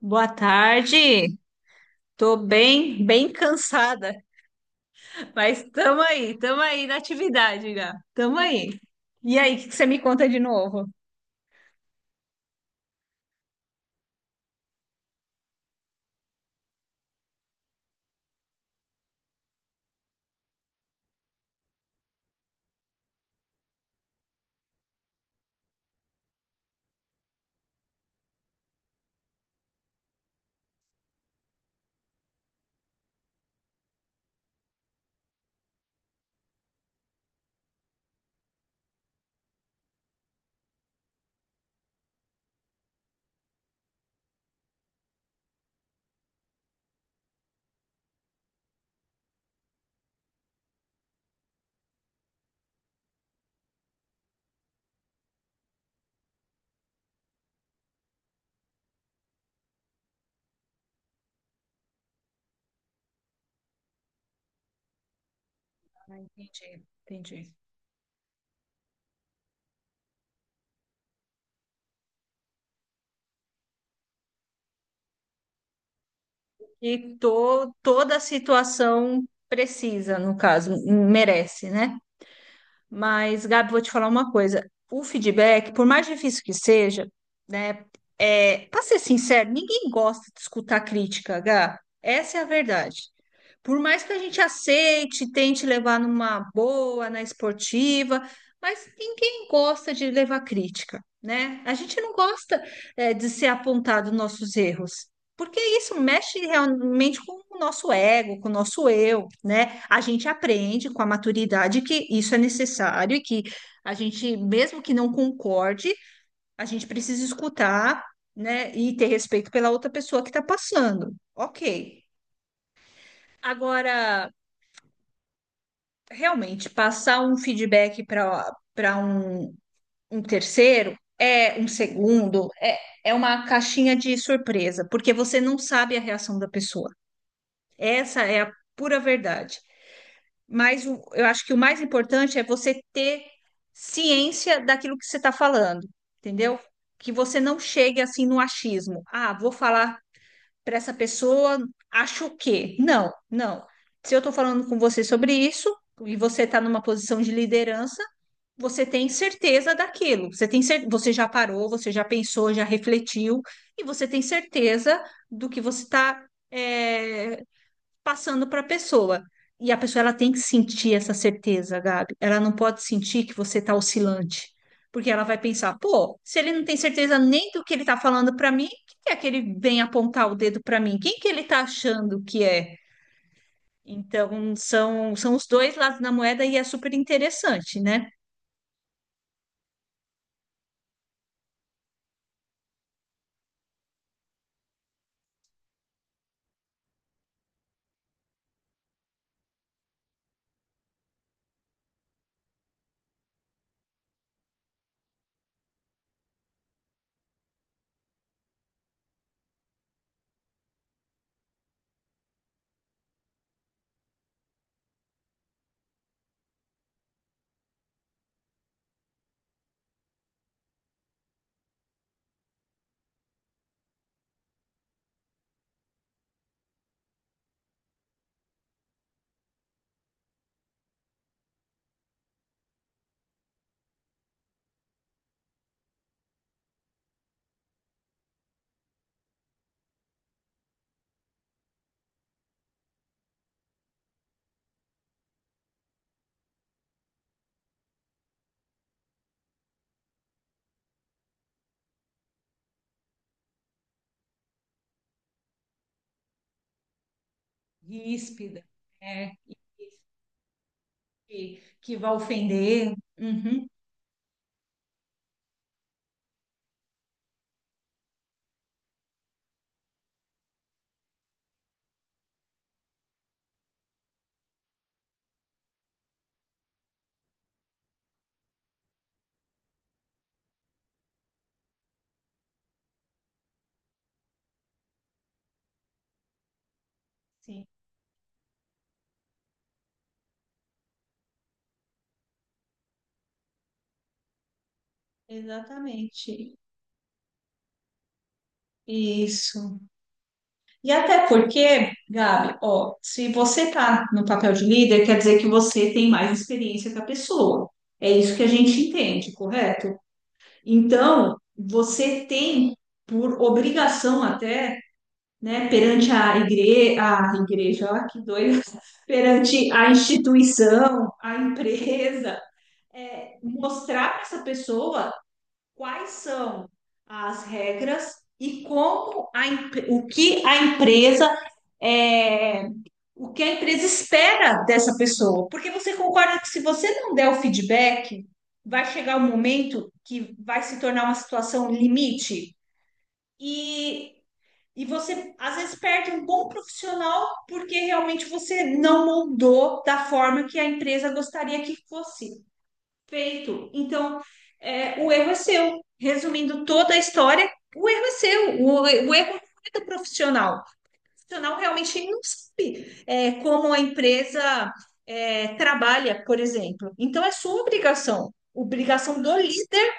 Boa tarde. Tô bem, bem cansada, mas tamo aí na atividade, Gá. Tamo aí. E aí, o que que você me conta de novo? Ah, entendi, entendi. E tô, toda a situação precisa, no caso, merece, né? Mas, Gabi, vou te falar uma coisa. O feedback, por mais difícil que seja, né? Para ser sincero, ninguém gosta de escutar crítica, Gá. Essa é a verdade. Por mais que a gente aceite, tente levar numa boa, na esportiva, mas ninguém gosta de levar crítica, né? A gente não gosta, de ser apontado nossos erros. Porque isso mexe realmente com o nosso ego, com o nosso eu, né? A gente aprende com a maturidade que isso é necessário e que a gente, mesmo que não concorde, a gente precisa escutar, né? E ter respeito pela outra pessoa que está passando. Ok. Agora, realmente, passar um feedback para um, um terceiro é um segundo, é uma caixinha de surpresa, porque você não sabe a reação da pessoa. Essa é a pura verdade. Eu acho que o mais importante é você ter ciência daquilo que você está falando, entendeu? Que você não chegue assim no achismo. Ah, vou falar para essa pessoa, acho o quê? Não, não. Se eu estou falando com você sobre isso e você está numa posição de liderança, você tem certeza daquilo. Você já parou, você já pensou, já refletiu e você tem certeza do que você está passando para a pessoa. E a pessoa ela tem que sentir essa certeza, Gabi. Ela não pode sentir que você está oscilante, porque ela vai pensar, pô, se ele não tem certeza nem do que ele está falando para mim, quem é que ele vem apontar o dedo para mim? Quem que ele está achando que é? Então, são os dois lados da moeda e é super interessante, né? Ríspida, é, e que vai ofender. Uhum. Sim, exatamente. Isso. E até porque, Gabi, ó, se você está no papel de líder, quer dizer que você tem mais experiência que a pessoa. É isso que a gente entende, correto? Então, você tem por obrigação até, né, perante a igreja, ó, que doida, perante a instituição, a empresa, mostrar para essa pessoa quais são as regras e como o que a empresa é, o que a empresa espera dessa pessoa. Porque você concorda que se você não der o feedback, vai chegar um momento que vai se tornar uma situação limite e, e você às vezes perde um bom profissional porque realmente você não moldou da forma que a empresa gostaria que fosse feito. Então, o erro é seu. Resumindo toda a história, o erro é seu, o erro não é do profissional. O profissional realmente não sabe como a empresa trabalha, por exemplo. Então, é sua obrigação, obrigação do líder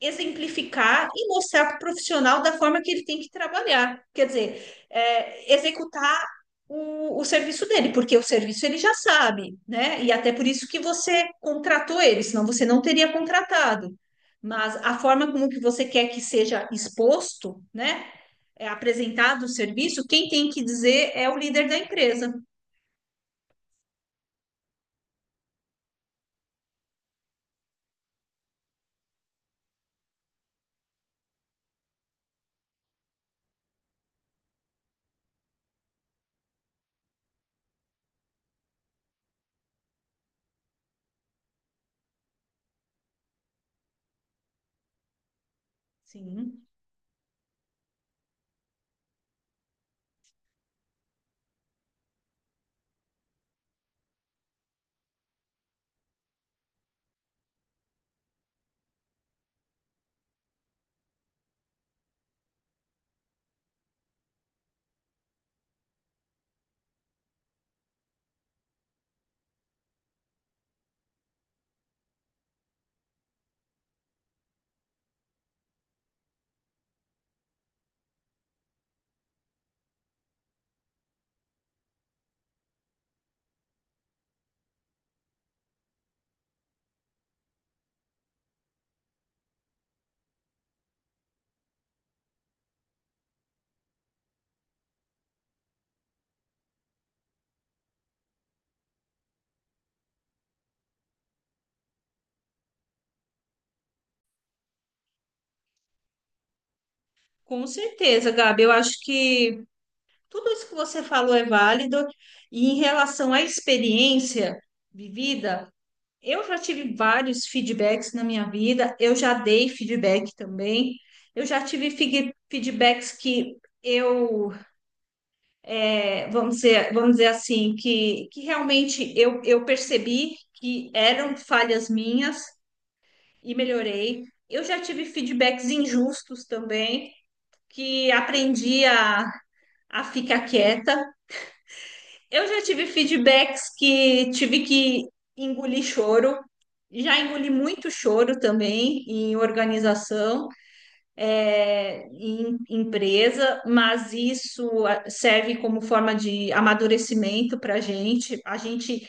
exemplificar e mostrar para o profissional da forma que ele tem que trabalhar. Quer dizer, executar o serviço dele, porque o serviço ele já sabe, né? E até por isso que você contratou ele, senão você não teria contratado. Mas a forma como que você quer que seja exposto, né? É apresentado o serviço, quem tem que dizer é o líder da empresa. Sim, com certeza, Gabi. Eu acho que tudo isso que você falou é válido. E em relação à experiência vivida, eu já tive vários feedbacks na minha vida, eu já dei feedback também. Eu já tive fig- feedbacks que eu, vamos dizer assim, que realmente eu percebi que eram falhas minhas e melhorei. Eu já tive feedbacks injustos também, que aprendi a ficar quieta. Eu já tive feedbacks que tive que engolir choro, já engoli muito choro também em organização, em empresa, mas isso ah, serve como forma de amadurecimento para a gente. A gente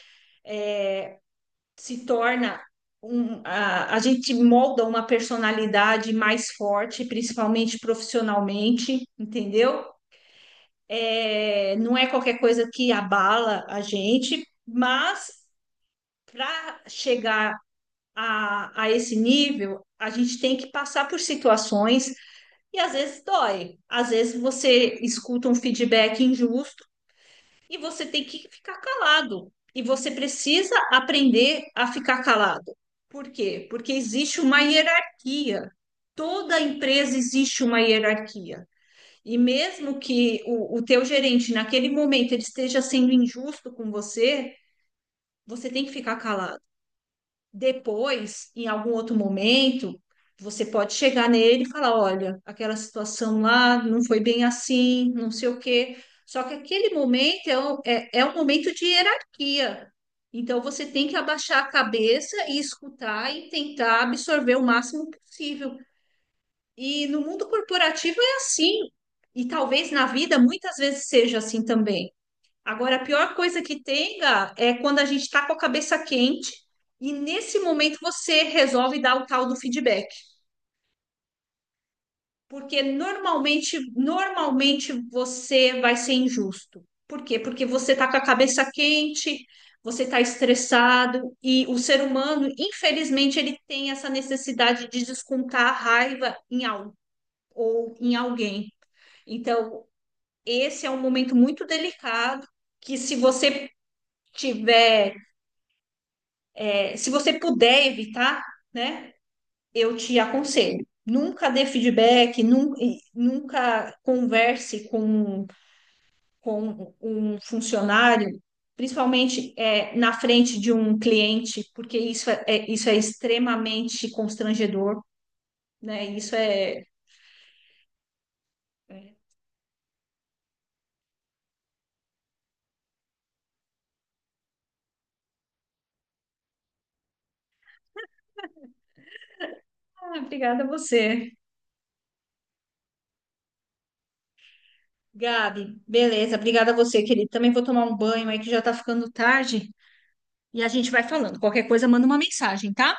se torna um, a gente molda uma personalidade mais forte, principalmente profissionalmente, entendeu? É, não é qualquer coisa que abala a gente, mas para chegar a esse nível, a gente tem que passar por situações e às vezes dói. Às vezes você escuta um feedback injusto e você tem que ficar calado. E você precisa aprender a ficar calado. Por quê? Porque existe uma hierarquia. Toda empresa existe uma hierarquia. E mesmo que o teu gerente, naquele momento, ele esteja sendo injusto com você, você tem que ficar calado. Depois, em algum outro momento, você pode chegar nele e falar: olha, aquela situação lá não foi bem assim, não sei o quê. Só que aquele momento é um, é um momento de hierarquia. Então, você tem que abaixar a cabeça e escutar e tentar absorver o máximo possível. E no mundo corporativo é assim. E talvez na vida muitas vezes seja assim também. Agora, a pior coisa que tem, Gá, é quando a gente está com a cabeça quente e nesse momento você resolve dar o tal do feedback, porque normalmente você vai ser injusto. Por quê? Porque você está com a cabeça quente, você está estressado e o ser humano, infelizmente, ele tem essa necessidade de descontar a raiva em algo ou em alguém. Então, esse é um momento muito delicado que tiver se você puder evitar, né, eu te aconselho. Nunca dê feedback, nunca converse com um funcionário, principalmente na frente de um cliente, porque isso é extremamente constrangedor, né? É- Ah, obrigada a você. Gabi, beleza, obrigada a você, querido. Também vou tomar um banho aí que já tá ficando tarde e a gente vai falando. Qualquer coisa, manda uma mensagem, tá?